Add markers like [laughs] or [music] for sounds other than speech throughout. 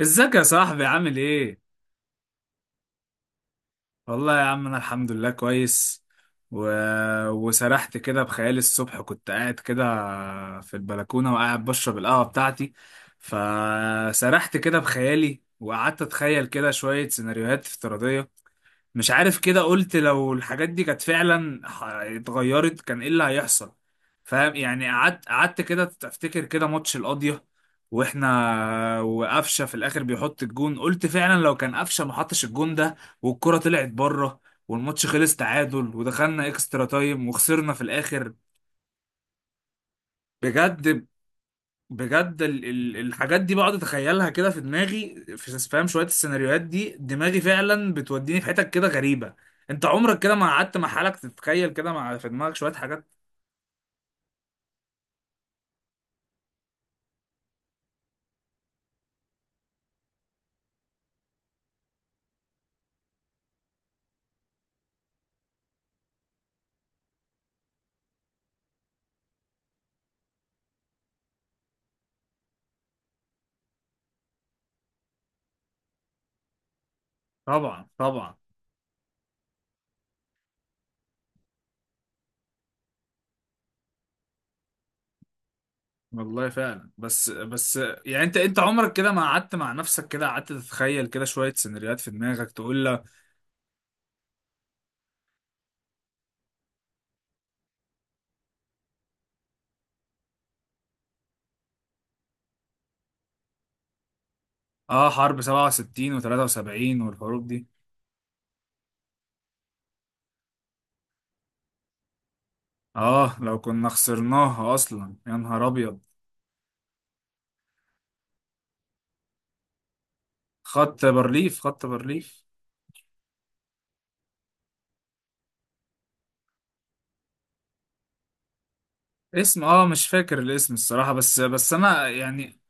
ازيك يا صاحبي؟ عامل ايه؟ والله يا عم انا الحمد لله كويس. و... وسرحت كده بخيالي الصبح، كنت قاعد كده في البلكونة وقاعد بشرب القهوة بتاعتي، فسرحت كده بخيالي وقعدت اتخيل كده شوية سيناريوهات افتراضية. مش عارف، كده قلت لو الحاجات دي كانت فعلا اتغيرت، كان ايه اللي هيحصل. فاهم يعني؟ قعدت كده تفتكر كده ماتش القاضية واحنا وقفشه في الاخر بيحط الجون، قلت فعلا لو كان قفشه ما حطش الجون ده، والكرة طلعت بره، والماتش خلص تعادل ودخلنا اكسترا تايم وخسرنا في الاخر. بجد بجد الحاجات دي بقعد اتخيلها كده في دماغي، في، فاهم، شويه السيناريوهات دي دماغي فعلا بتوديني في حتت كده غريبه. انت عمرك كده ما قعدت مع حالك تتخيل كده، مع، في دماغك شويه حاجات؟ طبعا طبعا. والله فعلا. بس بس يعني، انت عمرك كده ما قعدت مع نفسك كده قعدت تتخيل كده شويه سيناريوهات في دماغك تقول لك؟ اه، حرب 67 و73 والحروب دي. اه، لو كنا خسرناها اصلا، يا نهار ابيض. خط بارليف، خط بارليف. اسم، مش فاكر الاسم الصراحة، بس بس انا يعني.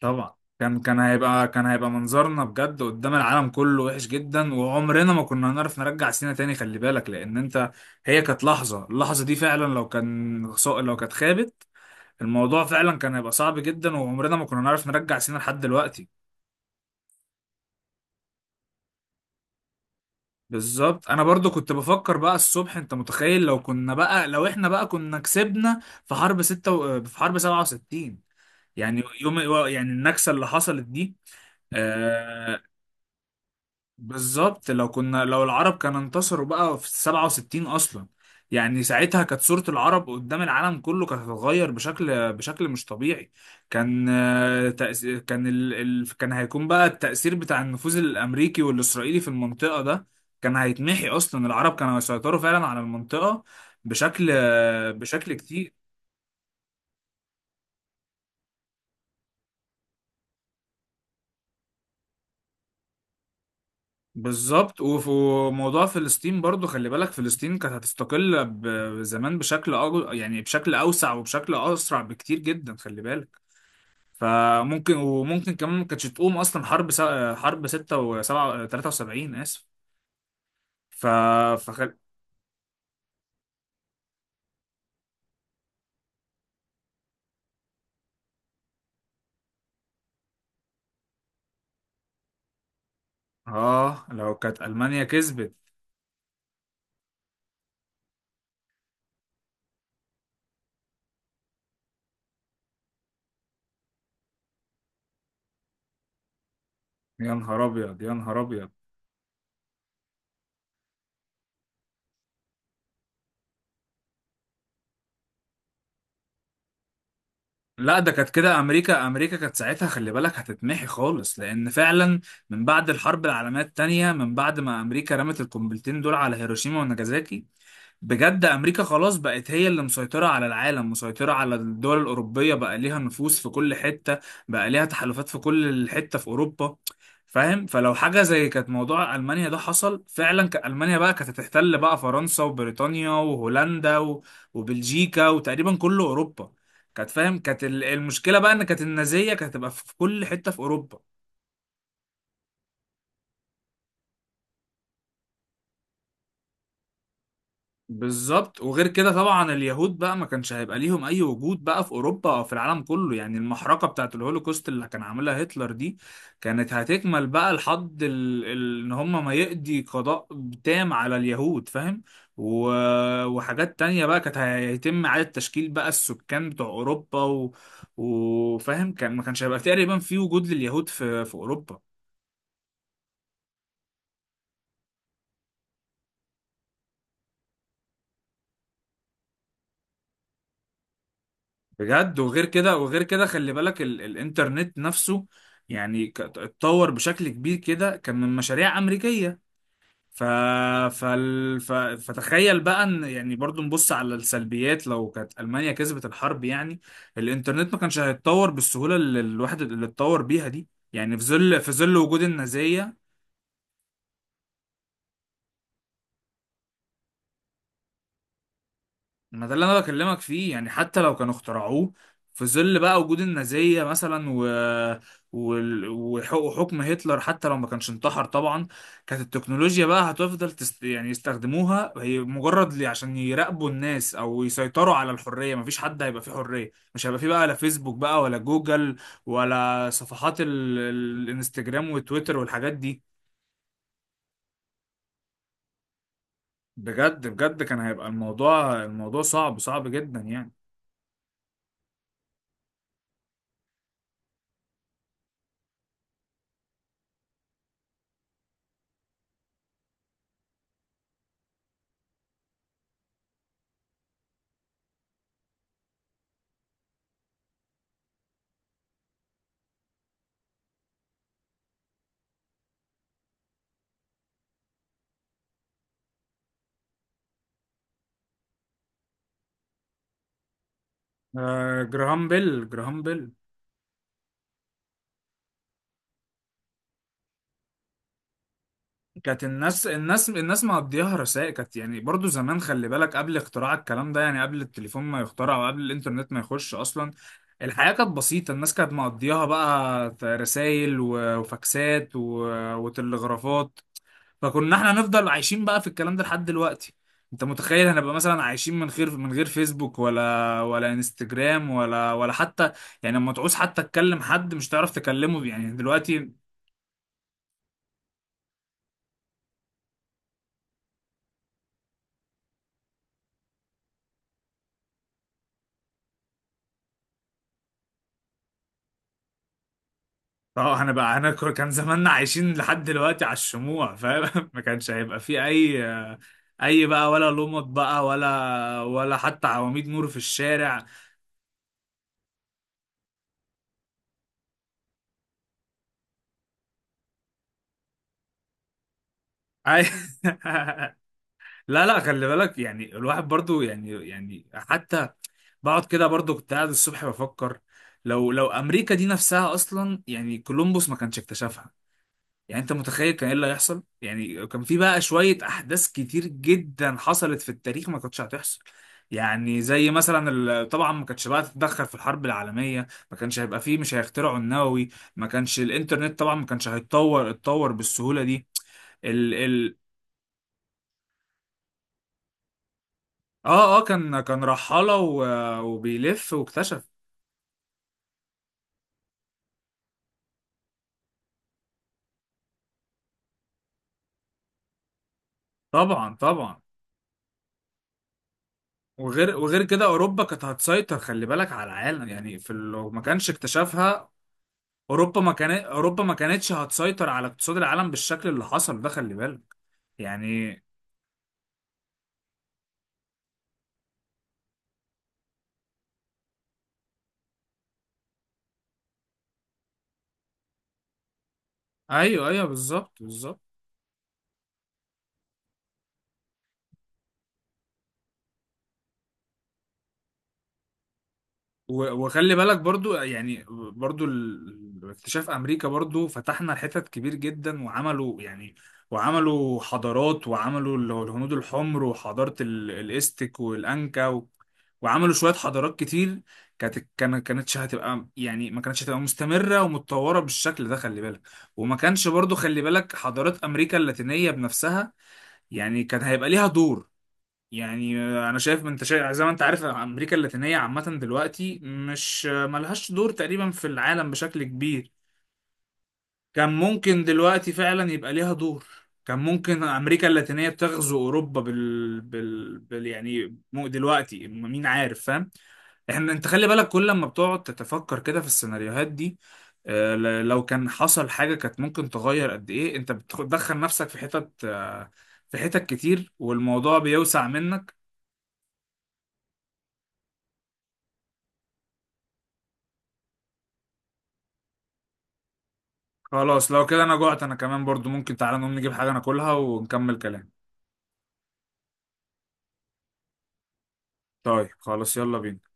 طبعا، كان هيبقى منظرنا بجد قدام العالم كله وحش جدا، وعمرنا ما كنا هنعرف نرجع سينا تاني، خلي بالك. لان انت، هي كانت اللحظة دي فعلا، لو كانت خابت، الموضوع فعلا كان هيبقى صعب جدا، وعمرنا ما كنا نعرف نرجع سينا لحد دلوقتي. بالظبط. انا برضو كنت بفكر بقى الصبح، انت متخيل لو احنا بقى كنا كسبنا في حرب 67، يعني يوم يعني النكسة اللي حصلت دي؟ آه. بالظبط، لو العرب كانوا انتصروا بقى في 67 اصلا، يعني ساعتها كانت صورة العرب قدام العالم كله كانت هتتغير بشكل مش طبيعي. كان آه، تأس- كان ال... ال... كان هيكون بقى التأثير بتاع النفوذ الأمريكي والإسرائيلي في المنطقة ده كان هيتمحي أصلا. العرب كانوا هيسيطروا فعلا على المنطقة بشكل بشكل كتير. بالظبط. وموضوع فلسطين برضو، خلي بالك، فلسطين كانت هتستقل زمان يعني بشكل أوسع وبشكل أسرع بكتير جدا، خلي بالك. وممكن كمان ما كانتش تقوم أصلا حرب 6 و 7، 73، آسف. ف... فخل... آه، لو كانت ألمانيا كسبت، يا نهار أبيض، يا نهار أبيض. لا، ده كانت كده امريكا كانت ساعتها خلي بالك هتتمحي خالص، لان فعلا من بعد الحرب العالميه الثانيه، من بعد ما امريكا رمت القنبلتين دول على هيروشيما وناجازاكي، بجد امريكا خلاص بقت هي اللي مسيطره على العالم، مسيطره على الدول الاوروبيه، بقى ليها نفوذ في كل حته، بقى ليها تحالفات في كل حته في اوروبا. فاهم؟ فلو حاجه زي كانت موضوع المانيا ده حصل فعلا، كان المانيا بقى كانت هتحتل بقى فرنسا وبريطانيا وهولندا وبلجيكا وتقريبا كل اوروبا. كانت المشكله بقى ان كانت النازيه كانت هتبقى في كل حته في اوروبا. بالظبط. وغير كده طبعا اليهود بقى ما كانش هيبقى ليهم اي وجود بقى في اوروبا او في العالم كله، يعني المحرقه بتاعت الهولوكوست اللي كان عاملها هتلر دي كانت هتكمل بقى لحد ان هم ما يقضي قضاء تام على اليهود، فاهم؟ و... وحاجات تانية بقى كانت هيتم اعاده تشكيل بقى السكان بتوع اوروبا، وفاهم، كان ما كانش هيبقى تقريبا في وجود لليهود في اوروبا. بجد. وغير كده خلي بالك، الانترنت نفسه يعني اتطور بشكل كبير كده، كان من مشاريع أمريكية. ف... فتخيل بقى ان، يعني برضو نبص على السلبيات، لو كانت ألمانيا كسبت الحرب، يعني الانترنت ما كانش هيتطور بالسهولة اللي الواحد اللي اتطور بيها دي، يعني في ظل وجود النازية. ما ده اللي انا بكلمك فيه، يعني حتى لو كانوا اخترعوه في ظل بقى وجود النازية مثلا، وحكم هتلر، حتى لو ما كانش انتحر طبعا، كانت التكنولوجيا بقى هتفضل يعني يستخدموها هي مجرد لي عشان يراقبوا الناس او يسيطروا على الحرية. مفيش حد هيبقى فيه حرية، مش هيبقى فيه بقى لا فيسبوك بقى ولا جوجل، ولا صفحات الانستجرام وتويتر والحاجات دي. بجد بجد، كان هيبقى الموضوع صعب صعب جدا يعني. جراهام بيل، جراهام بيل. كانت الناس، الناس مقضياها رسائل، كانت يعني برضو زمان، خلي بالك، قبل اختراع الكلام ده، يعني قبل التليفون ما يخترع وقبل الانترنت ما يخش اصلا، الحياة كانت بسيطة. الناس كانت مقضياها بقى رسائل وفاكسات وتلغرافات، فكنا احنا نفضل عايشين بقى في الكلام ده لحد دلوقتي. انت متخيل هنبقى مثلا عايشين من غير فيسبوك ولا، ولا انستجرام، ولا حتى، يعني لما تعوز حتى تكلم حد مش تعرف تكلمه يعني دلوقتي. اه. انا كان زماننا عايشين لحد دلوقتي على الشموع، فاهم؟ [laughs] ما كانش هيبقى في اي اي بقى ولا لمط بقى، ولا حتى عواميد نور في الشارع. أي... [laughs] لا لا، خلي بالك يعني الواحد برضو، يعني حتى بقعد كده برضو، كنت قاعد الصبح بفكر، لو امريكا دي نفسها اصلا، يعني كولومبوس ما كانش اكتشفها، يعني انت متخيل كان ايه اللي هيحصل؟ يعني كان في بقى شوية احداث كتير جدا حصلت في التاريخ ما كانتش هتحصل، يعني زي مثلا طبعا ما كانتش بقى تتدخل في الحرب العالمية، ما كانش هيبقى فيه، مش هيخترعوا النووي، ما كانش الانترنت طبعا ما كانش اتطور بالسهولة دي. ال ال اه اه، كان رحالة وبيلف واكتشف. طبعا طبعا. وغير كده اوروبا كانت هتسيطر خلي بالك على العالم، يعني في لو ما كانش اكتشافها، اوروبا ما كانتش هتسيطر على اقتصاد العالم بالشكل اللي حصل ده، خلي بالك يعني. ايوه ايوه، بالظبط بالظبط. وخلي بالك برضو اكتشاف امريكا برضو فتحنا حتت كبير جدا، وعملوا، يعني وعملوا حضارات، وعملوا اللي هو الهنود الحمر، وحضارة الاستك والانكا وعملوا شوية حضارات كتير. كانتش هتبقى يعني ما كانتش هتبقى مستمرة ومتطورة بالشكل ده، خلي بالك. وما كانش برضو، خلي بالك، حضارات امريكا اللاتينية بنفسها يعني كان هيبقى ليها دور، يعني. انا شايف انت شايف زي ما انت عارف امريكا اللاتينيه عامه دلوقتي مش ملهاش دور تقريبا في العالم بشكل كبير. كان ممكن دلوقتي فعلا يبقى ليها دور، كان ممكن امريكا اللاتينيه تغزو اوروبا يعني، مو دلوقتي مين عارف، فاهم؟ انت خلي بالك كل لما بتقعد تتفكر كده في السيناريوهات دي، لو كان حصل حاجه كانت ممكن تغير قد ايه، انت بتدخل نفسك في حتت، في حتت كتير، والموضوع بيوسع منك. خلاص، لو كده انا جوعت، انا كمان برضو ممكن، تعالى نقوم نجيب حاجة ناكلها ونكمل كلام. طيب خلاص، يلا بينا.